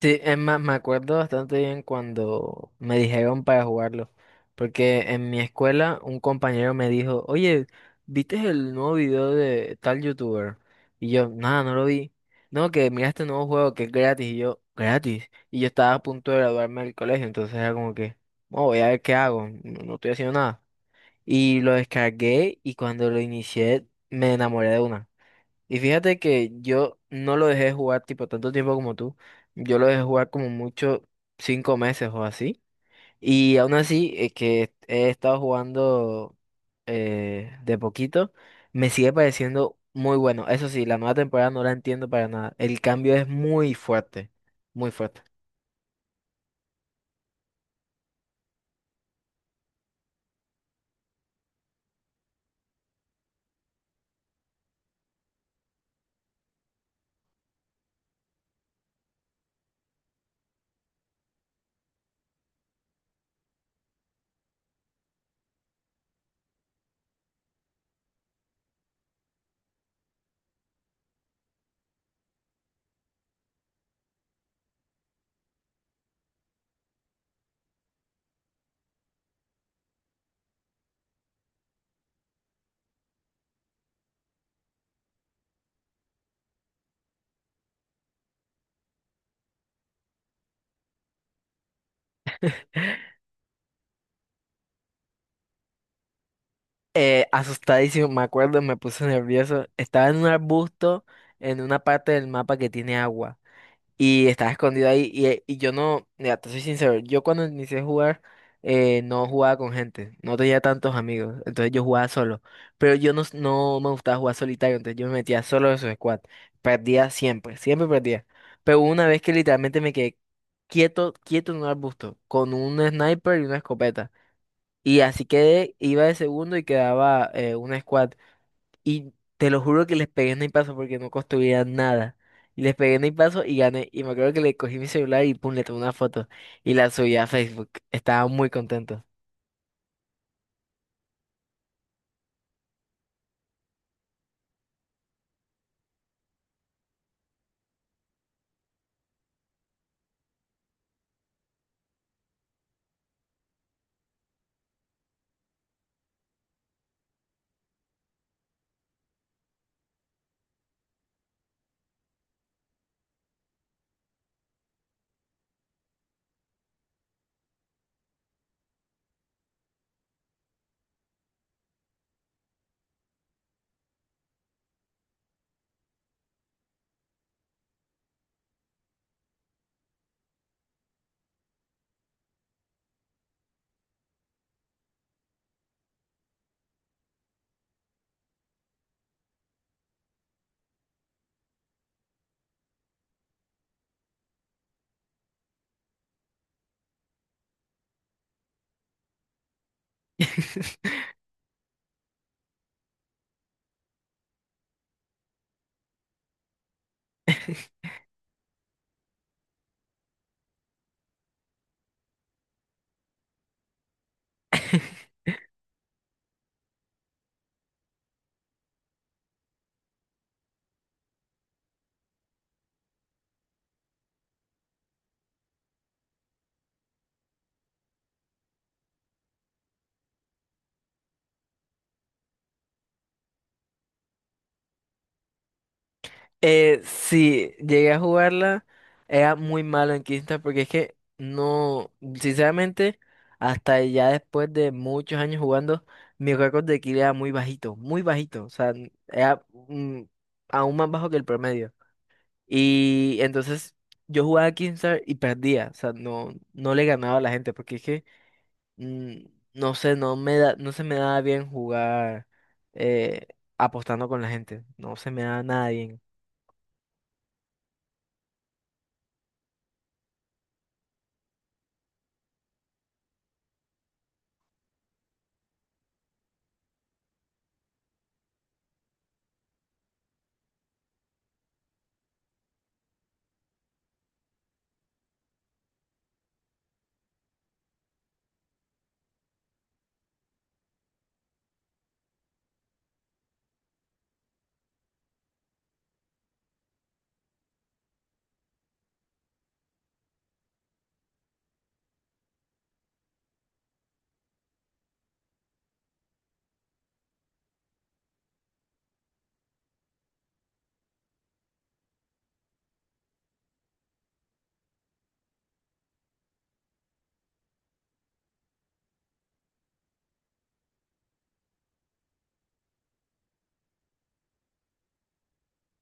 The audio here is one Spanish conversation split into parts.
Sí, es más, me acuerdo bastante bien cuando me dijeron para jugarlo, porque en mi escuela un compañero me dijo, oye, ¿viste el nuevo video de tal youtuber? Y yo, nada, no lo vi. No, que mira este nuevo juego que es gratis. Y yo estaba a punto de graduarme del colegio, entonces era como que, "Oh, voy a ver qué hago, no, no estoy haciendo nada." Y lo descargué y cuando lo inicié me enamoré de una. Y fíjate que yo no lo dejé jugar tipo tanto tiempo como tú. Yo lo dejé jugar como mucho 5 meses o así. Y aún así, que he estado jugando de poquito, me sigue pareciendo muy bueno. Eso sí, la nueva temporada no la entiendo para nada. El cambio es muy fuerte, muy fuerte. Asustadísimo, me acuerdo, me puse nervioso. Estaba en un arbusto en una parte del mapa que tiene agua. Y estaba escondido ahí. Y yo no, mira, te soy sincero, yo cuando inicié a jugar, no jugaba con gente, no tenía tantos amigos, entonces yo jugaba solo. Pero yo no, no me gustaba jugar solitario, entonces yo me metía solo en su squad. Perdía siempre, siempre perdía. Pero hubo una vez que literalmente me quedé quieto, quieto en un arbusto, con un sniper y una escopeta. Y así quedé, iba de segundo y quedaba un squad. Y te lo juro que les pegué en el paso porque no construía nada. Y les pegué en el paso y gané. Y me acuerdo que le cogí mi celular y pum, le tomé una foto. Y la subí a Facebook. Estaba muy contento. Sí, llegué a jugarla. Era muy malo en Quinta porque es que no, sinceramente, hasta ya después de muchos años jugando, mi récord de kill era muy bajito, muy bajito. O sea, era aún más bajo que el promedio. Y entonces yo jugaba Keemstar y perdía, o sea, no, no le ganaba a la gente, porque es que, mm, no sé, no me da, no se me daba bien jugar eh, apostando con la gente, no se me daba nada bien.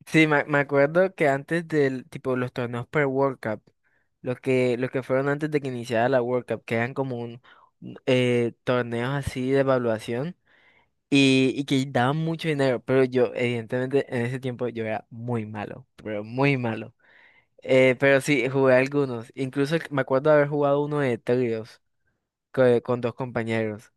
Sí, me acuerdo que antes del, tipo, los torneos per World Cup, los que fueron antes de que iniciara la World Cup, que eran como un, torneos así de evaluación y que daban mucho dinero, pero yo, evidentemente, en ese tiempo yo era muy malo, pero muy malo. Pero sí, jugué algunos. Incluso me acuerdo de haber jugado uno de tríos con, dos compañeros.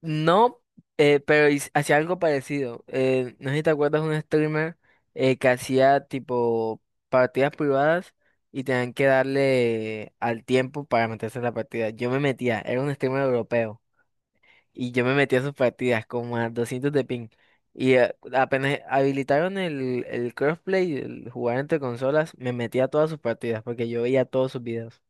No, pero hacía algo parecido. No sé si te acuerdas de un streamer que hacía tipo partidas privadas y tenían que darle al tiempo para meterse en la partida. Yo me metía, era un streamer europeo. Y yo me metí a sus partidas como a 200 de ping. Y apenas habilitaron el crossplay, el jugar entre consolas, me metí a todas sus partidas porque yo veía todos sus videos.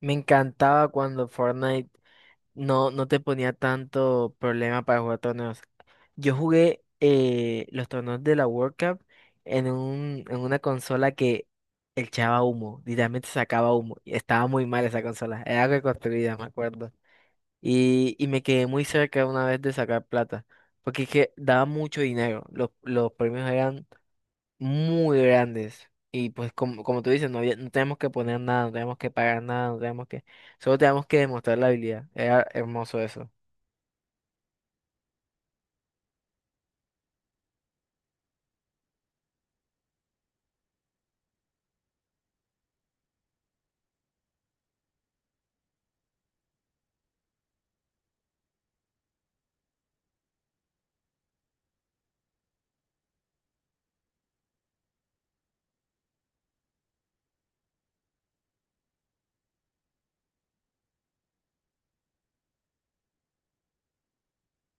Me encantaba cuando Fortnite no, no te ponía tanto problema para jugar torneos. Yo jugué los torneos de la World Cup en en una consola que echaba humo, literalmente sacaba humo. Y estaba muy mal esa consola, era reconstruida, me acuerdo. Y me quedé muy cerca una vez de sacar plata, porque es que daba mucho dinero, los premios eran muy grandes. Y pues como tú dices, no había, no tenemos que poner nada, no tenemos que pagar nada, no tenemos que, solo tenemos que demostrar la habilidad. Era hermoso eso.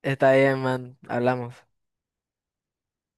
Está bien, man, hablamos.